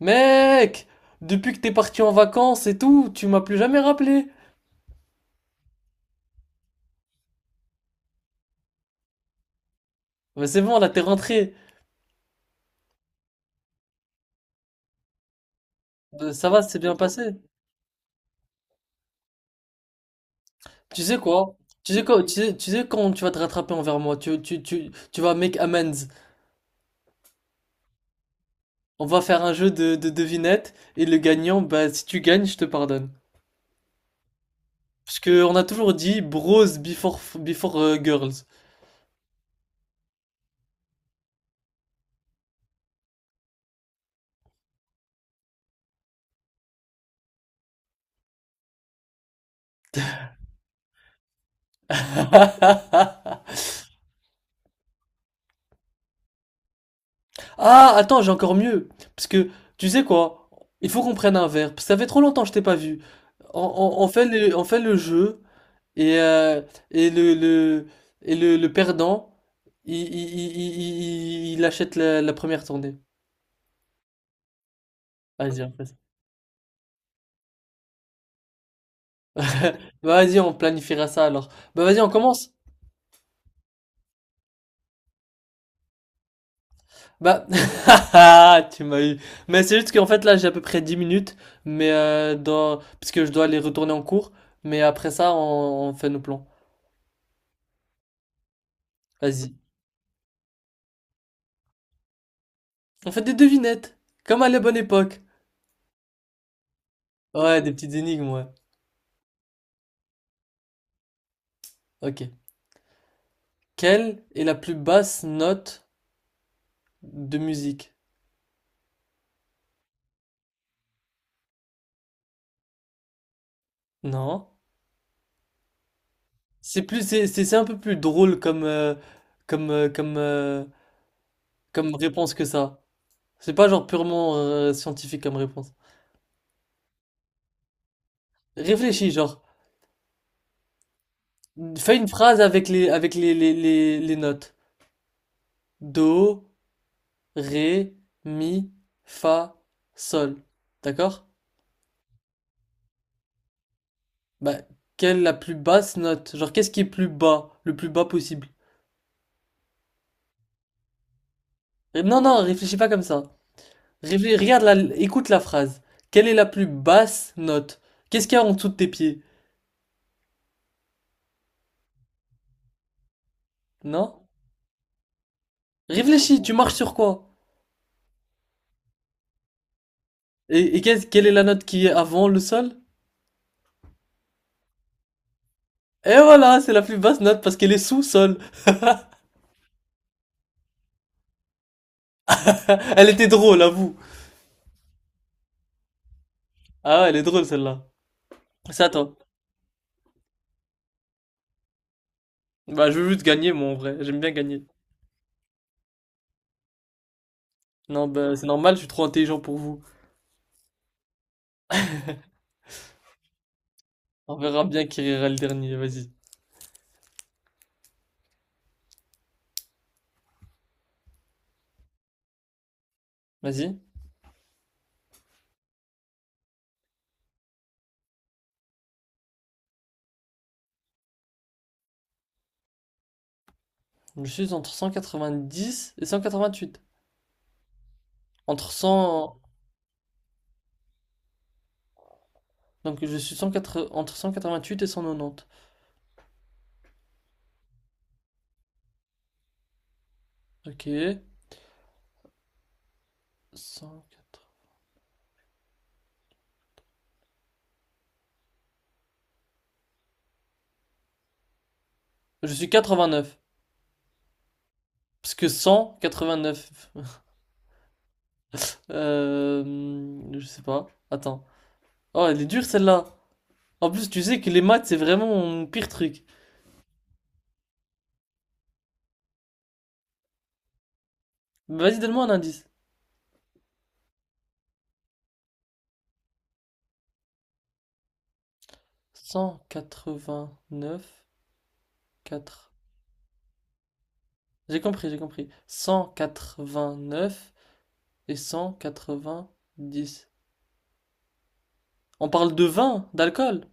Mec, depuis que t'es parti en vacances et tout, tu m'as plus jamais rappelé. Mais c'est bon, là t'es rentré. Ça va, c'est bien passé. Tu sais quoi? Tu sais quoi? Tu sais quand tu vas te rattraper envers moi? Tu vas make amends. On va faire un jeu de devinettes et le gagnant, bah si tu gagnes, je te pardonne. Parce que on a toujours dit bros before girls. Ah, attends, j'ai encore mieux. Parce que, tu sais quoi? Il faut qu'on prenne un verre. Parce que ça fait trop longtemps que je t'ai pas vu. On fait le jeu. Et, euh, et le, le, et le perdant, il achète la première tournée. Vas-y, on fait ça. Bah, vas-y, on planifiera ça alors. Bah, vas-y, on commence. Bah, ah, tu m'as eu. Mais c'est juste qu'en fait, là, j'ai à peu près 10 minutes. Mais dans... Parce que je dois aller retourner en cours. Mais après ça, on fait nos plans. Vas-y. On fait des devinettes, comme à la bonne époque. Ouais, des petites énigmes, ouais. Ok. Quelle est la plus basse note de musique? Non. C'est plus, c'est un peu plus drôle comme, euh, comme, euh, comme réponse que ça. C'est pas genre purement scientifique comme réponse. Réfléchis, genre, fais une phrase avec les notes. Do, ré, mi, fa, sol. D'accord? Bah, quelle est la plus basse note? Genre, qu'est-ce qui est plus bas? Le plus bas possible. Non, non, réfléchis pas comme ça. Regarde, écoute la phrase. Quelle est la plus basse note? Qu'est-ce qu'il y a en dessous de tes pieds? Non? Réfléchis, tu marches sur quoi? Et quelle est la note qui est avant le sol? Et voilà, c'est la plus basse note parce qu'elle est sous sol. Elle était drôle, avoue. Ah ouais, elle est drôle celle-là. C'est à toi. Bah, je veux juste gagner, moi, en vrai. J'aime bien gagner. Non, bah, c'est normal, je suis trop intelligent pour vous. On verra bien qui rira le dernier, vas-y. Vas-y. Je suis entre 190 et 188. Entre 100... Donc je suis 180 entre 188 et 190. Ok. 180. Je suis 89. Parce que 189... Euh... Je sais pas. Attends. Oh, elle est dure celle-là. En plus, tu sais que les maths, c'est vraiment mon pire truc. Vas-y, donne-moi un indice. 189, 4. J'ai compris, j'ai compris. 189 et 190. On parle de vin, d'alcool.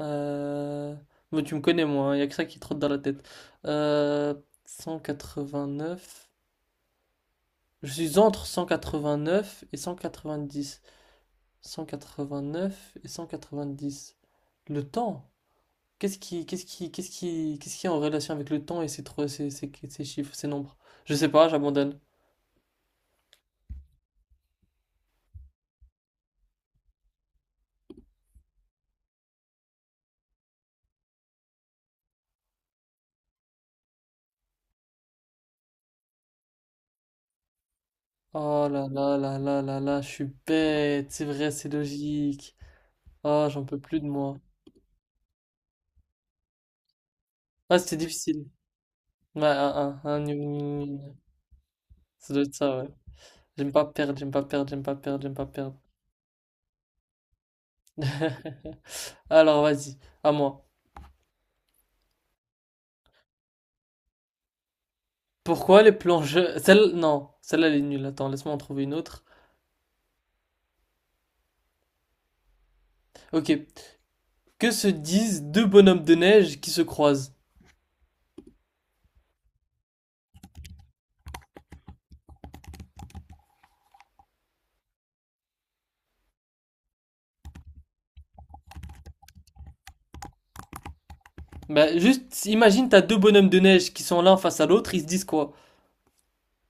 Euh... mais tu me connais, moi, il n'y a que ça qui trotte dans la tête. Euh, 189. Je suis entre 189 et 190. 189 et 190. Le temps. Qu'est-ce qui est en relation avec le temps et ces trois, ces, ces, ces chiffres, ces nombres? Je sais pas, j'abandonne. Oh là là là là là là, je suis bête. C'est vrai, c'est logique. Oh, j'en peux plus de moi. Ah, c'était difficile. Ouais, un, une. Ça doit être ça, ouais. J'aime pas perdre, j'aime pas perdre, j'aime pas perdre, j'aime pas perdre. Alors, vas-y, à moi. Pourquoi les plongeurs... Celle... Non, celle-là, elle est nulle. Attends, laisse-moi en trouver une autre. Ok. Que se disent deux bonhommes de neige qui se croisent? Bah, juste, imagine, t'as deux bonhommes de neige qui sont l'un face à l'autre, ils se disent quoi?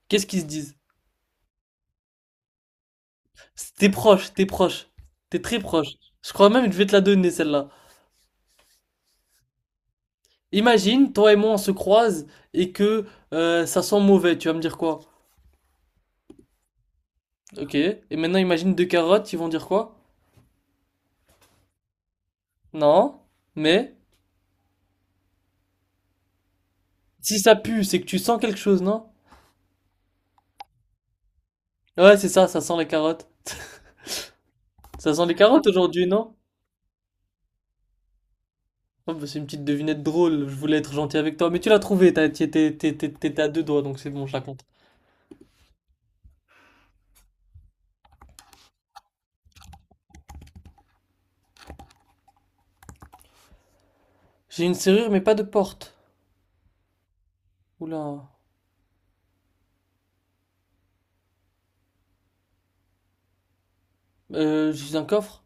Qu'est-ce qu'ils se disent? T'es proche. T'es très proche. Je crois même que je vais te la donner, celle-là. Imagine, toi et moi, on se croise et que ça sent mauvais. Tu vas me dire quoi? Ok. Et maintenant, imagine deux carottes, ils vont dire quoi? Non. Mais si ça pue, c'est que tu sens quelque chose, non? Ouais, c'est ça, ça sent les carottes. Ça sent les carottes aujourd'hui, non? Oh, bah, c'est une petite devinette drôle. Je voulais être gentil avec toi, mais tu l'as trouvé. T'étais à deux doigts, donc c'est bon, je la compte. J'ai une serrure, mais pas de porte. Oula. J'ai un coffre?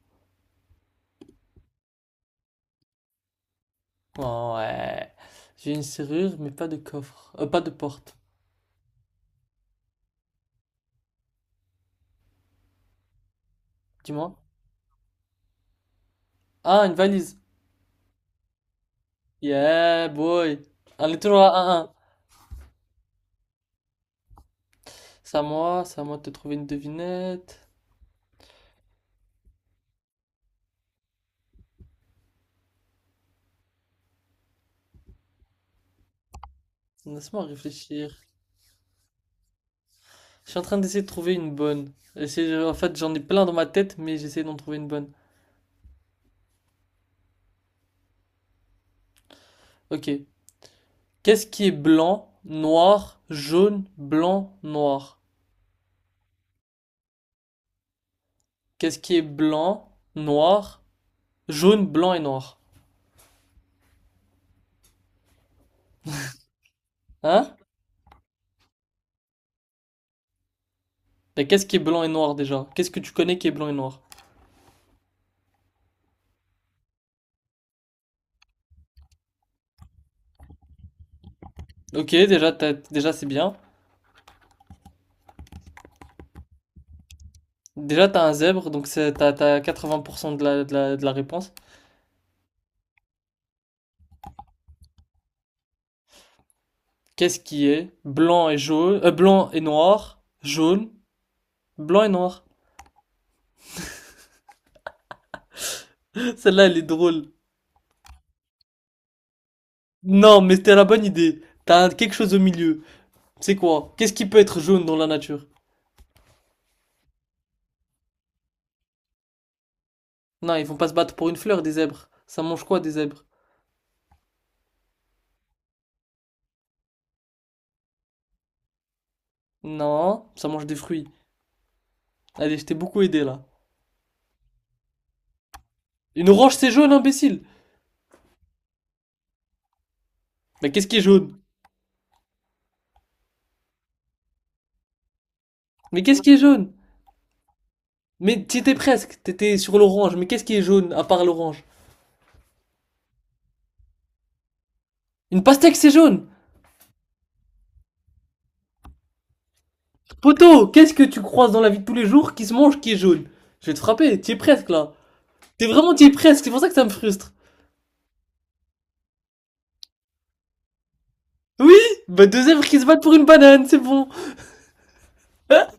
Ouais. J'ai une serrure, mais pas de coffre. Pas de porte. Dis-moi. Ah, une valise. Yeah, boy. On est toujours à 1. C'est à moi de te trouver une devinette. Laisse-moi réfléchir. Je suis en train d'essayer de trouver une bonne. En fait, j'en ai plein dans ma tête, mais j'essaie d'en trouver une bonne. Ok. Qu'est-ce qui est blanc, noir, jaune, blanc, noir? Qu'est-ce qui est blanc, noir, jaune, blanc et noir? Hein? Mais qu'est-ce qui est blanc et noir déjà? Qu'est-ce que tu connais qui est blanc et noir? Ok, déjà c'est bien. Déjà, t'as un zèbre, donc t'as t'as 80% de la réponse. Qu'est-ce qui est blanc et jaune, blanc et noir, jaune, blanc et noir. Celle-là, elle est drôle. Non, mais c'était la bonne idée. T'as quelque chose au milieu. C'est quoi? Qu'est-ce qui peut être jaune dans la nature? Non, ils vont pas se battre pour une fleur, des zèbres. Ça mange quoi, des zèbres? Non, ça mange des fruits. Allez, je t'ai beaucoup aidé là. Une orange, c'est jaune, imbécile. Mais qu'est-ce qui est jaune? Mais qu'est-ce qui est jaune? Mais t'y étais presque, t'étais sur l'orange. Mais qu'est-ce qui est jaune à part l'orange? Une pastèque, c'est jaune. Poto, qu'est-ce que tu croises dans la vie de tous les jours qui se mange, qui est jaune. Je vais te frapper, t'y es presque là. T'es vraiment, t'y es presque, c'est pour ça que ça me frustre. Oui. Bah deux œuvres qui se battent pour une banane, c'est bon. Ah,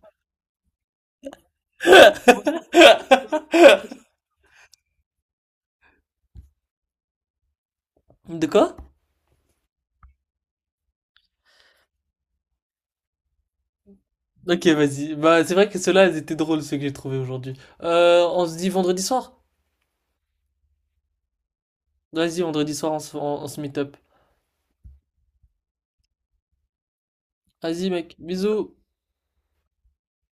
de quoi? Ok, vas-y. Bah c'est vrai que ceux-là, ils étaient drôles, ceux que j'ai trouvés aujourd'hui. On se dit vendredi soir. Vas-y, vendredi soir, on se meet up. Vas-y mec, bisous.